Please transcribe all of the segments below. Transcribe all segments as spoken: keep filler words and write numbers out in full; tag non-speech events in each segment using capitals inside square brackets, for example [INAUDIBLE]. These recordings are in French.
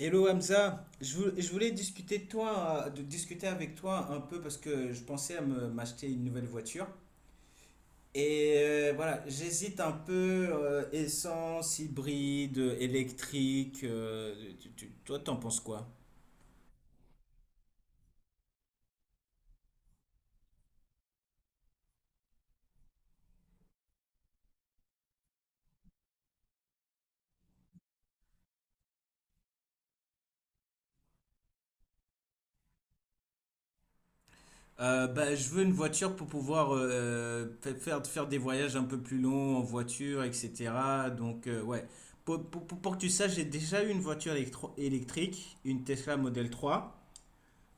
Hello Hamza, je vou- je voulais discuter de toi, euh, de discuter avec toi un peu parce que je pensais à me m'acheter une nouvelle voiture. Et euh, voilà, j'hésite un peu euh, essence, hybride, électrique. Euh, tu- tu- toi, t'en penses quoi? Euh, bah, je veux une voiture pour pouvoir euh, fa- faire, faire des voyages un peu plus longs en voiture, et cetera. Donc, euh, ouais. Pour, pour- pour- pour que tu saches, j'ai déjà eu une voiture électro- électrique, une Tesla Model trois.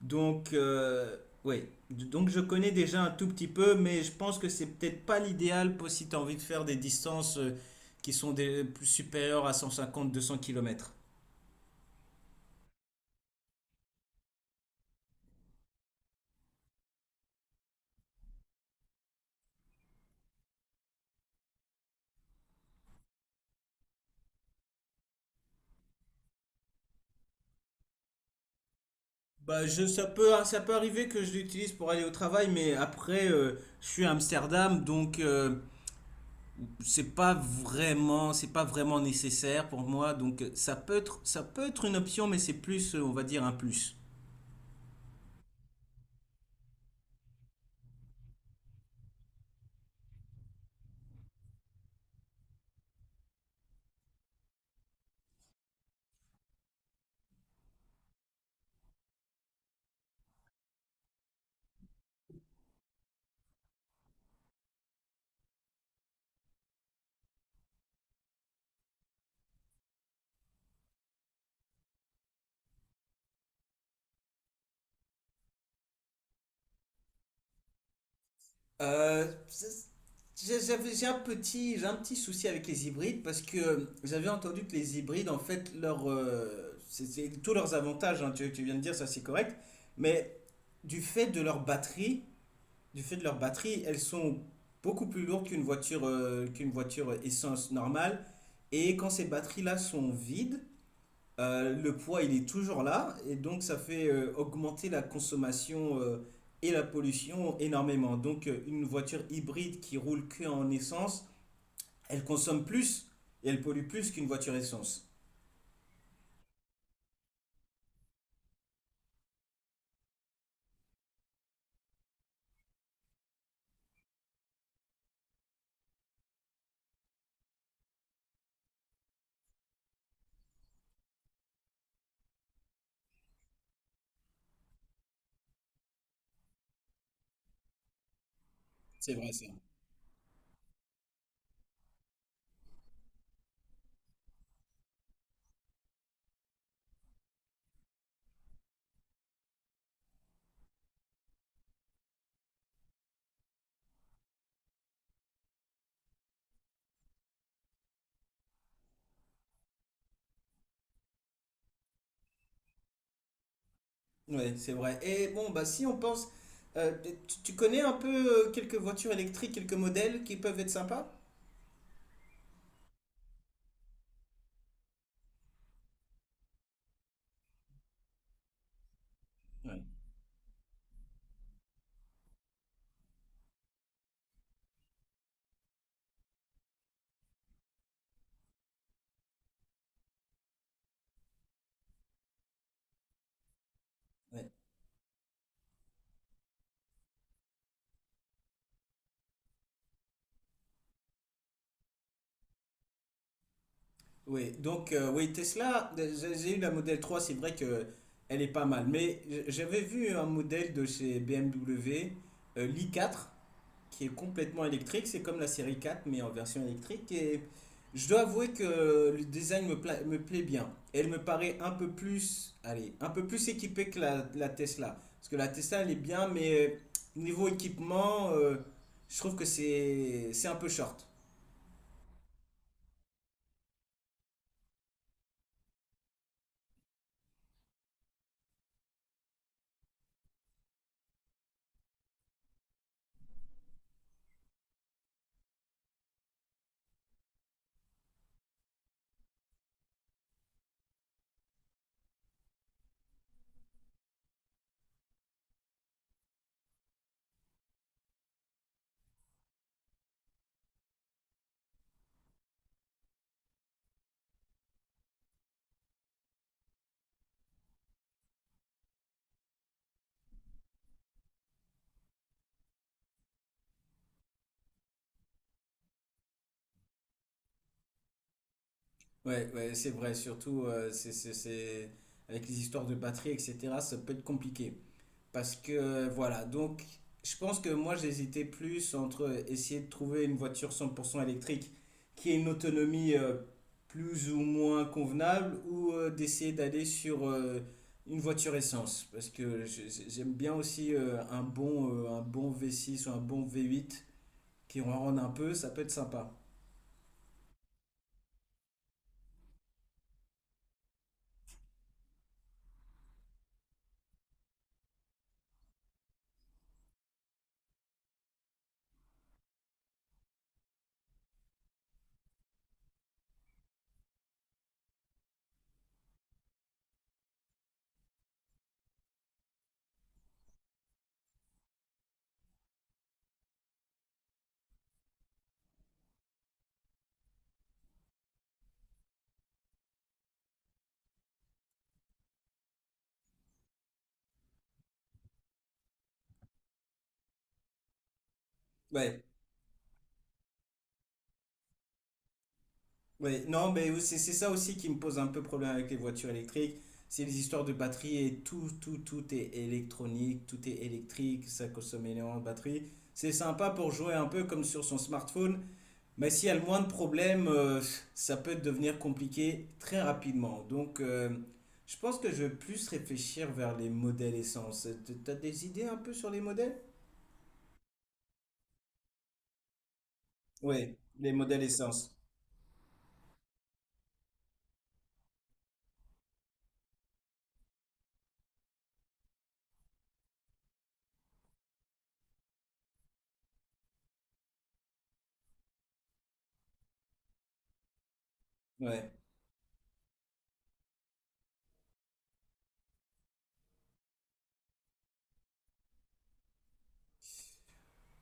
Donc, euh, oui. Donc, je connais déjà un tout petit peu, mais je pense que c'est peut-être pas l'idéal pour si tu as envie de faire des distances euh, qui sont des, plus supérieures à cent cinquante deux cents kilomètres. Bah, je, ça peut, ça peut arriver que je l'utilise pour aller au travail, mais après, euh, je suis à Amsterdam, donc euh, c'est pas vraiment, c'est pas vraiment nécessaire pour moi. Donc, euh, ça peut être, ça peut être une option, mais c'est plus, euh, on va dire, un plus. Euh, c'est- j'ai- j'avais, j'ai un petit, j'ai un petit souci avec les hybrides parce que j'avais entendu que les hybrides, en fait, leur, euh, c'est- c'est tous leurs avantages, hein, tu, tu viens de dire ça, c'est correct, mais du fait de leur batterie, du fait de leur batterie, elles sont beaucoup plus lourdes qu'une voiture, euh, qu'une voiture essence normale. Et quand ces batteries-là sont vides, euh, le poids, il est toujours là, et donc ça fait euh, augmenter la consommation euh, et la pollution énormément. Donc euh, une voiture hybride qui roule que en essence, elle consomme plus et elle pollue plus qu'une voiture essence. C'est vrai, ça. Ouais, c'est vrai. Et bon, bah si on pense, euh, tu, tu connais un peu euh, quelques voitures électriques, quelques modèles qui peuvent être sympas? Ouais. Ouais. Oui, donc euh, oui, Tesla, j'ai j'ai eu la modèle trois, c'est vrai que elle est pas mal, mais j- j'avais vu un modèle de chez B M W, euh, l'i quatre, qui est complètement électrique, c'est comme la série quatre mais en version électrique, et je dois avouer que le design me, pla- me plaît bien. Elle me paraît un peu plus, allez, un peu plus équipée que la, la Tesla, parce que la Tesla, elle est bien, mais euh, niveau équipement, euh, je trouve que c'est c'est un peu short. Ouais, ouais, c'est vrai, surtout euh, c'est, c'est, c'est- avec les histoires de batterie, et cetera, ça peut être compliqué. Parce que euh, voilà, donc je pense que moi j'hésitais plus entre essayer de trouver une voiture cent pour cent électrique qui ait une autonomie euh, plus ou moins convenable ou euh, d'essayer d'aller sur euh, une voiture essence. Parce que je- j'aime bien aussi euh, un bon, euh, un bon v six ou un bon v huit qui en rende un peu, ça peut être sympa. Ouais. Ouais, non, mais c'est c'est ça aussi qui me pose un peu problème avec les voitures électriques. C'est les histoires de batterie et tout, tout, tout est électronique, tout est électrique, ça consomme énormément de batterie. C'est sympa pour jouer un peu comme sur son smartphone, mais s'il y a le moins de problèmes, euh, ça peut devenir compliqué très rapidement. Donc, euh, je pense que je vais plus réfléchir vers les modèles essence. T'as des idées un peu sur les modèles? Oui, les modèles essence. Ouais.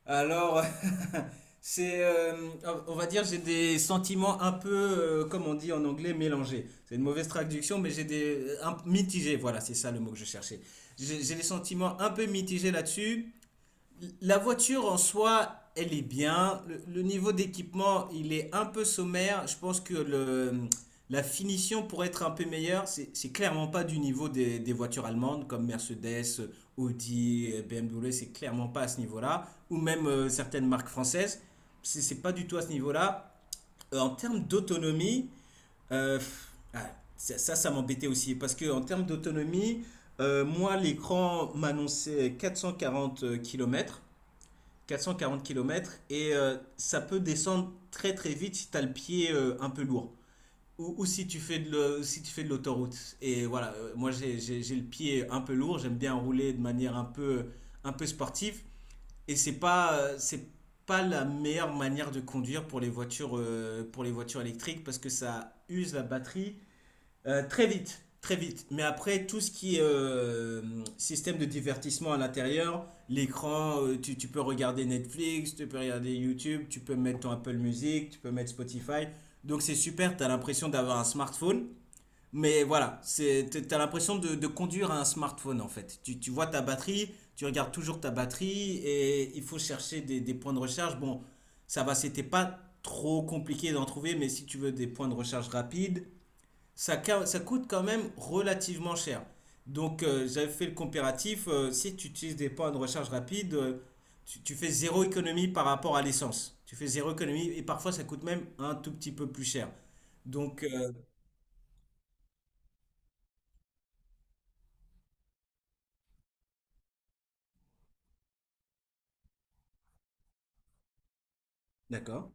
Alors, [LAUGHS] c'est, euh, on va dire, j'ai des sentiments un peu, euh, comme on dit en anglais, mélangés. C'est une mauvaise traduction, mais j'ai des un- mitigés. Voilà, c'est ça le mot que je cherchais. J'ai j'ai des sentiments un peu mitigés là-dessus. La voiture en soi, elle est bien. Le, le niveau d'équipement, il est un peu sommaire. Je pense que le, la finition pourrait être un peu meilleure. C'est, c'est clairement pas du niveau des, des voitures allemandes comme Mercedes, Audi, B M W. C'est clairement pas à ce niveau-là. Ou même euh, certaines marques françaises. C'est, c'est pas du tout à ce niveau-là. Euh, en termes d'autonomie, euh, pff, ah, ça, ça, ça m'embêtait aussi. Parce que en termes d'autonomie, euh, moi, l'écran m'annonçait quatre cent quarante kilomètres. quatre cent quarante kilomètres et euh, ça peut descendre très très vite si tu as le pied euh, un peu lourd ou, ou si tu fais de le- si tu fais de l'autoroute. Et voilà, euh, moi j'ai j'ai- j'ai le pied un peu lourd. J'aime bien rouler de manière un peu un peu sportive, et c'est pas euh, c'est pas la meilleure manière de conduire pour les voitures euh, pour les voitures électriques parce que ça use la batterie euh, très vite, très vite. Mais après, tout ce qui est euh, système de divertissement à l'intérieur, l'écran, euh, tu, tu peux regarder Netflix, tu peux regarder YouTube, tu peux mettre ton Apple Music, tu peux mettre Spotify. Donc c'est super, tu as l'impression d'avoir un smartphone. Mais voilà, c'est, t- t'as l'impression de, de conduire un smartphone en fait. Tu, tu vois ta batterie, tu regardes toujours ta batterie et il faut chercher des, des points de recharge. Bon, ça va, c'était pas trop compliqué d'en trouver, mais si tu veux des points de recharge rapides, ça, ça coûte quand même relativement cher. Donc, euh, j'avais fait le comparatif. Euh, si tu utilises des points de recharge rapide, euh, tu, tu fais zéro économie par rapport à l'essence. Tu fais zéro économie et parfois ça coûte même un tout petit peu plus cher. Donc, euh, D'accord.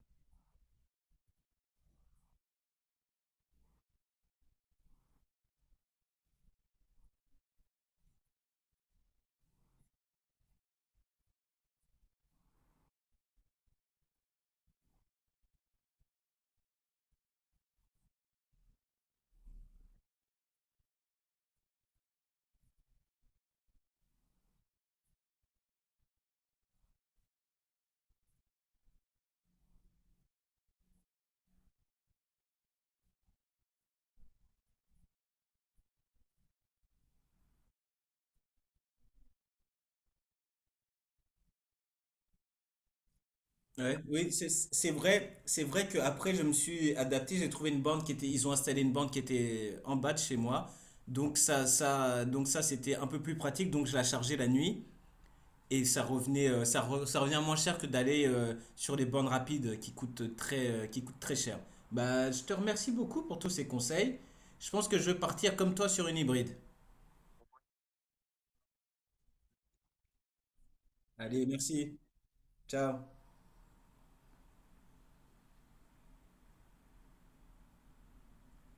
Ouais, oui, c'est c'est vrai, c'est vrai que après je me suis adapté, j'ai trouvé une bande qui était, ils ont installé une bande qui était en bas de chez moi, donc ça, ça, donc ça c'était un peu plus pratique, donc je la chargeais la nuit et ça revenait euh, ça, re- ça revient moins cher que d'aller euh, sur les bornes rapides qui coûtent très euh, qui coûtent très cher. Bah, je te remercie beaucoup pour tous ces conseils. Je pense que je vais partir comme toi sur une hybride. Allez, merci. Ciao.